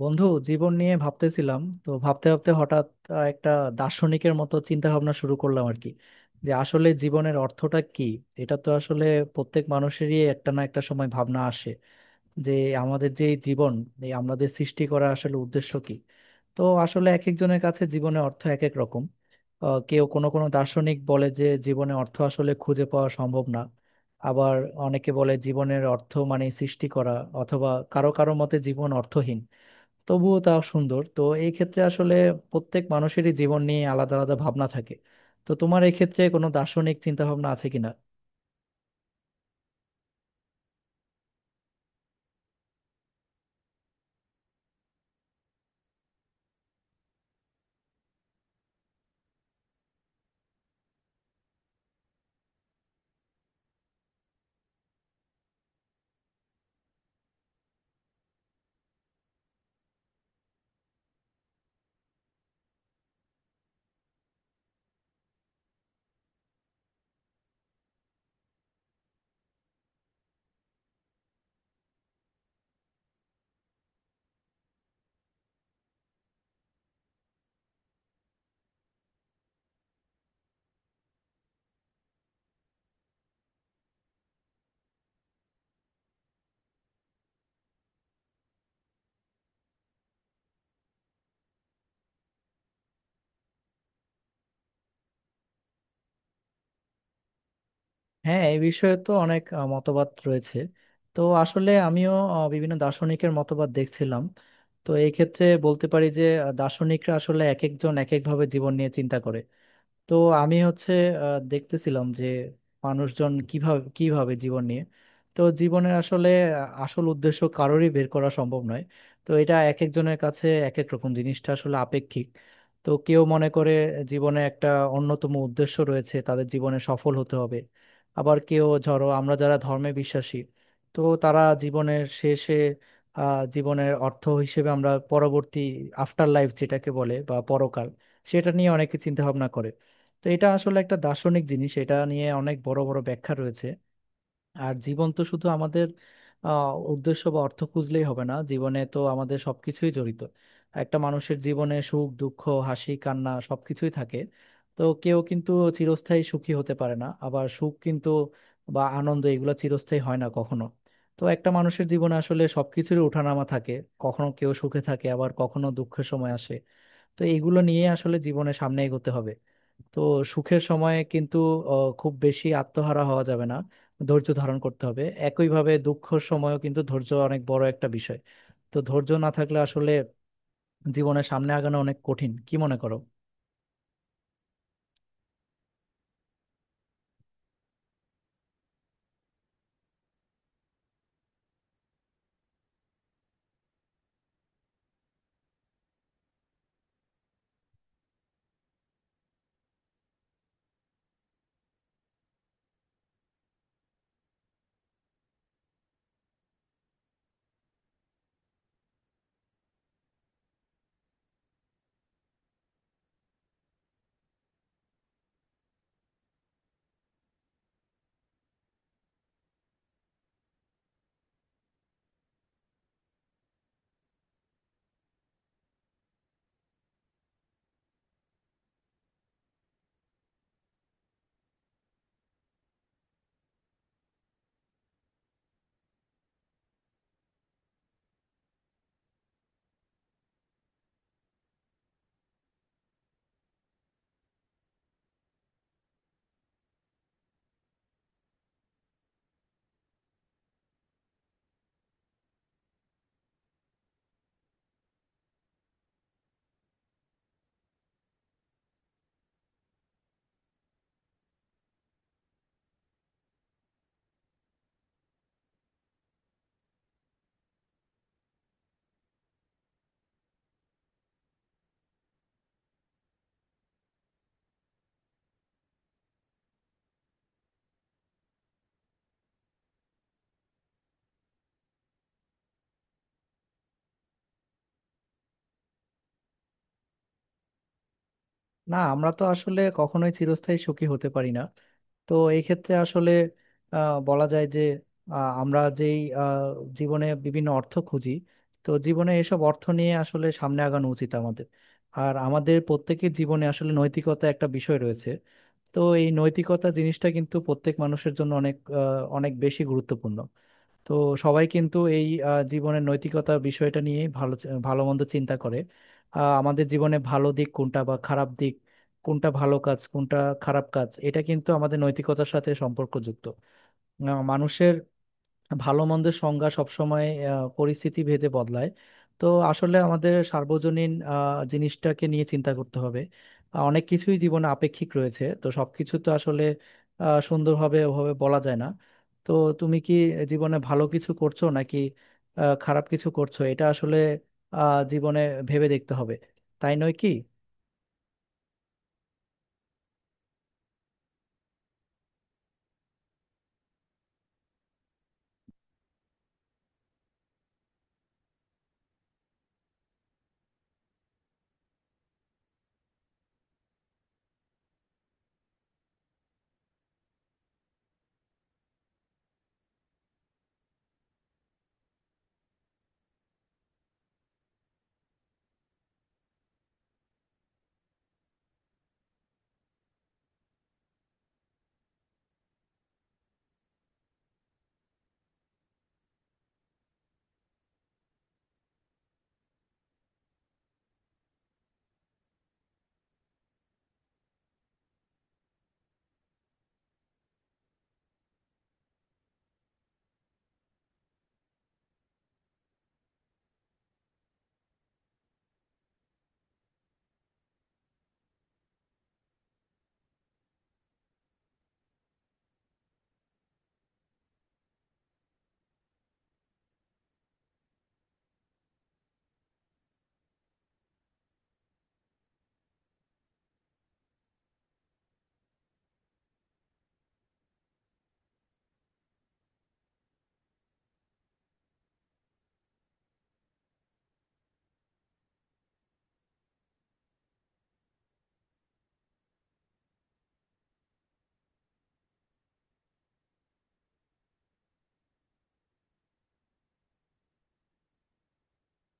বন্ধু, জীবন নিয়ে ভাবতেছিলাম তো ভাবতে ভাবতে হঠাৎ একটা দার্শনিকের মতো চিন্তা ভাবনা শুরু করলাম আর কি যে আসলে জীবনের অর্থটা কি। এটা তো আসলে প্রত্যেক মানুষেরই একটা না একটা সময় ভাবনা আসে যে আমাদের যে এই জীবন, এই আমাদের সৃষ্টি করা আসলে উদ্দেশ্য কি। তো আসলে এক একজনের কাছে জীবনের অর্থ এক এক রকম। কেউ কোনো কোনো দার্শনিক বলে যে জীবনে অর্থ আসলে খুঁজে পাওয়া সম্ভব না। আবার অনেকে বলে জীবনের অর্থ মানে সৃষ্টি করা, অথবা কারো কারো মতে জীবন অর্থহীন তবুও তা সুন্দর। তো এই ক্ষেত্রে আসলে প্রত্যেক মানুষেরই জীবন নিয়ে আলাদা আলাদা ভাবনা থাকে। তো তোমার এই ক্ষেত্রে কোনো দার্শনিক চিন্তা ভাবনা আছে কিনা? হ্যাঁ, এই বিষয়ে তো অনেক মতবাদ রয়েছে। তো আসলে আমিও বিভিন্ন দার্শনিকের মতবাদ দেখছিলাম। তো এই ক্ষেত্রে বলতে পারি যে দার্শনিকরা আসলে এক একজন এক একভাবে জীবন নিয়ে চিন্তা করে। তো আমি হচ্ছে দেখতেছিলাম যে মানুষজন কিভাবে কিভাবে জীবন নিয়ে। তো জীবনের আসলে আসল উদ্দেশ্য কারোরই বের করা সম্ভব নয়। তো এটা এক একজনের কাছে এক এক রকম, জিনিসটা আসলে আপেক্ষিক। তো কেউ মনে করে জীবনে একটা অন্যতম উদ্দেশ্য রয়েছে, তাদের জীবনে সফল হতে হবে। আবার কেউ, ধরো আমরা যারা ধর্মে বিশ্বাসী, তো তারা জীবনের শেষে জীবনের অর্থ হিসেবে আমরা পরবর্তী আফটার লাইফ যেটাকে বলে বা পরকাল, সেটা নিয়ে অনেকে চিন্তা ভাবনা করে। তো এটা আসলে একটা দার্শনিক জিনিস, এটা নিয়ে অনেক বড় বড় ব্যাখ্যা রয়েছে। আর জীবন তো শুধু আমাদের উদ্দেশ্য বা অর্থ খুঁজলেই হবে না, জীবনে তো আমাদের সবকিছুই জড়িত। একটা মানুষের জীবনে সুখ দুঃখ হাসি কান্না সবকিছুই থাকে। তো কেউ কিন্তু চিরস্থায়ী সুখী হতে পারে না, আবার সুখ কিন্তু বা আনন্দ এগুলো চিরস্থায়ী হয় না কখনো। তো একটা মানুষের জীবনে আসলে সবকিছুরই ওঠানামা থাকে। কখনো কেউ সুখে থাকে, আবার কখনো দুঃখের সময় আসে। তো এগুলো নিয়ে আসলে জীবনে সামনে এগোতে হবে। তো সুখের সময়ে কিন্তু খুব বেশি আত্মহারা হওয়া যাবে না, ধৈর্য ধারণ করতে হবে। একইভাবে দুঃখের সময়ও কিন্তু ধৈর্য অনেক বড় একটা বিষয়। তো ধৈর্য না থাকলে আসলে জীবনে সামনে আগানো অনেক কঠিন। কি মনে করো? না, আমরা তো আসলে কখনোই চিরস্থায়ী সুখী হতে পারি না। তো এই ক্ষেত্রে আসলে বলা যায় যে আমরা যেই জীবনে বিভিন্ন অর্থ খুঁজি। তো জীবনে এসব অর্থ নিয়ে আসলে সামনে আগানো উচিত আমাদের। আর আমাদের প্রত্যেকের জীবনে আসলে নৈতিকতা একটা বিষয় রয়েছে। তো এই নৈতিকতা জিনিসটা কিন্তু প্রত্যেক মানুষের জন্য অনেক অনেক বেশি গুরুত্বপূর্ণ। তো সবাই কিন্তু এই জীবনের নৈতিকতা বিষয়টা নিয়ে ভালো মন্দ চিন্তা করে। আমাদের জীবনে ভালো দিক কোনটা বা খারাপ দিক কোনটা, ভালো কাজ কোনটা খারাপ কাজ, এটা কিন্তু আমাদের নৈতিকতার সাথে সম্পর্কযুক্ত। মানুষের ভালো মন্দের সংজ্ঞা সবসময় পরিস্থিতি ভেদে বদলায়। তো আসলে আমাদের সার্বজনীন জিনিসটাকে নিয়ে চিন্তা করতে হবে। অনেক কিছুই জীবনে আপেক্ষিক রয়েছে, তো সবকিছু তো আসলে সুন্দরভাবে ওভাবে বলা যায় না। তো তুমি কি জীবনে ভালো কিছু করছো নাকি খারাপ কিছু করছো, এটা আসলে জীবনে ভেবে দেখতে হবে। তাই নয় কি?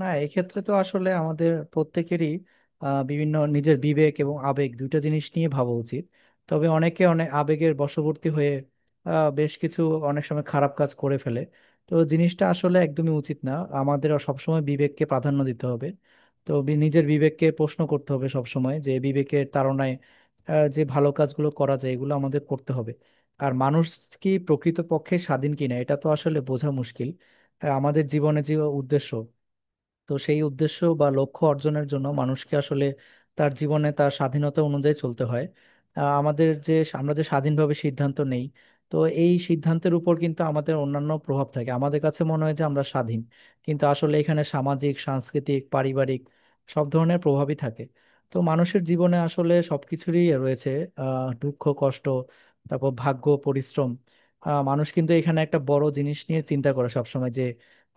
না, এক্ষেত্রে তো আসলে আমাদের প্রত্যেকেরই বিভিন্ন নিজের বিবেক এবং আবেগ দুইটা জিনিস নিয়ে ভাবা উচিত। তবে অনেকে অনেক আবেগের বশবর্তী হয়ে বেশ কিছু অনেক সময় খারাপ কাজ করে ফেলে। তো জিনিসটা আসলে একদমই উচিত না, আমাদের সবসময় বিবেককে প্রাধান্য দিতে হবে। তো নিজের বিবেককে প্রশ্ন করতে হবে সবসময় যে বিবেকের তাড়নায় যে ভালো কাজগুলো করা যায় এগুলো আমাদের করতে হবে। আর মানুষ কি প্রকৃতপক্ষে স্বাধীন কিনা এটা তো আসলে বোঝা মুশকিল। আমাদের জীবনে যে উদ্দেশ্য, তো সেই উদ্দেশ্য বা লক্ষ্য অর্জনের জন্য মানুষকে আসলে তার জীবনে তার স্বাধীনতা অনুযায়ী চলতে হয়। আমাদের যে আমরা যে স্বাধীনভাবে সিদ্ধান্ত নেই, তো এই সিদ্ধান্তের উপর কিন্তু আমাদের অন্যান্য প্রভাব থাকে। আমাদের কাছে মনে হয় যে আমরা স্বাধীন, কিন্তু আসলে এখানে সামাজিক সাংস্কৃতিক পারিবারিক সব ধরনের প্রভাবই থাকে। তো মানুষের জীবনে আসলে সবকিছুরই রয়েছে। দুঃখ কষ্ট, তারপর ভাগ্য পরিশ্রম। মানুষ কিন্তু এখানে একটা বড় জিনিস নিয়ে চিন্তা করে সবসময়,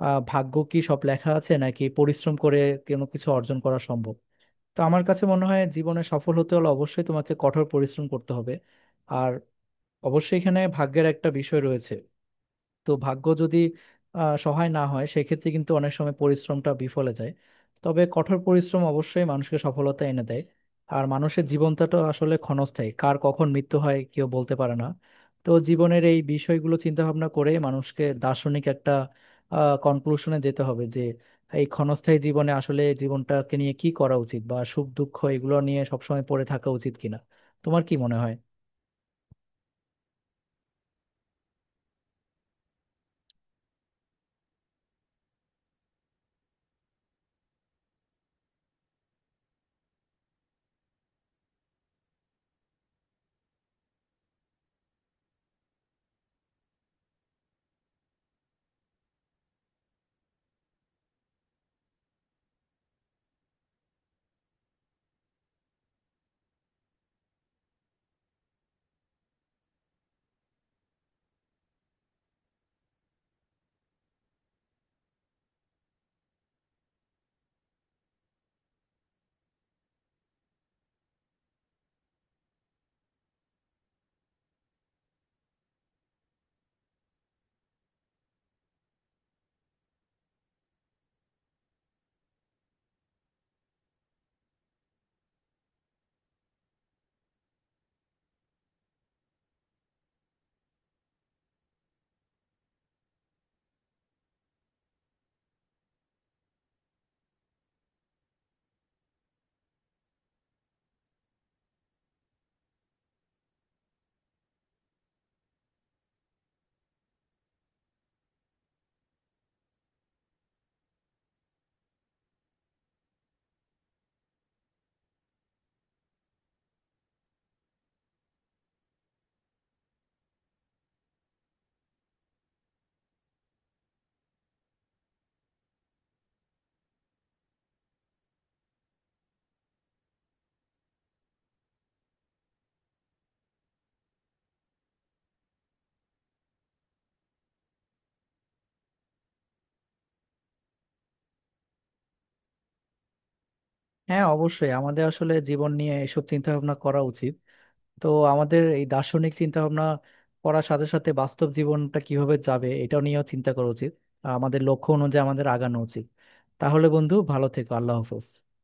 ভাগ্য কি সব লেখা আছে নাকি পরিশ্রম করে কোনো কিছু অর্জন করা সম্ভব। তো আমার কাছে মনে হয় জীবনে সফল হতে হলে অবশ্যই তোমাকে কঠোর পরিশ্রম করতে হবে। আর অবশ্যই এখানে ভাগ্যের একটা বিষয় রয়েছে। তো ভাগ্য যদি সহায় না হয় সেক্ষেত্রে কিন্তু অনেক সময় পরিশ্রমটা বিফলে যায়। তবে কঠোর পরিশ্রম অবশ্যই মানুষকে সফলতা এনে দেয়। আর মানুষের জীবনটা তো আসলে ক্ষণস্থায়ী, কার কখন মৃত্যু হয় কেউ বলতে পারে না। তো জীবনের এই বিষয়গুলো চিন্তা ভাবনা করে মানুষকে দার্শনিক একটা কনক্লুশনে যেতে হবে যে এই ক্ষণস্থায়ী জীবনে আসলে জীবনটাকে নিয়ে কি করা উচিত বা সুখ দুঃখ এগুলো নিয়ে সবসময় পড়ে থাকা উচিত কিনা। তোমার কি মনে হয়? হ্যাঁ, অবশ্যই আমাদের আসলে জীবন নিয়ে এসব চিন্তা ভাবনা করা উচিত। তো আমাদের এই দার্শনিক চিন্তা ভাবনা করার সাথে সাথে বাস্তব জীবনটা কিভাবে যাবে এটাও নিয়েও চিন্তা করা উচিত। আমাদের লক্ষ্য অনুযায়ী আমাদের আগানো উচিত। তাহলে বন্ধু, ভালো থেকো। আল্লাহ হাফেজ।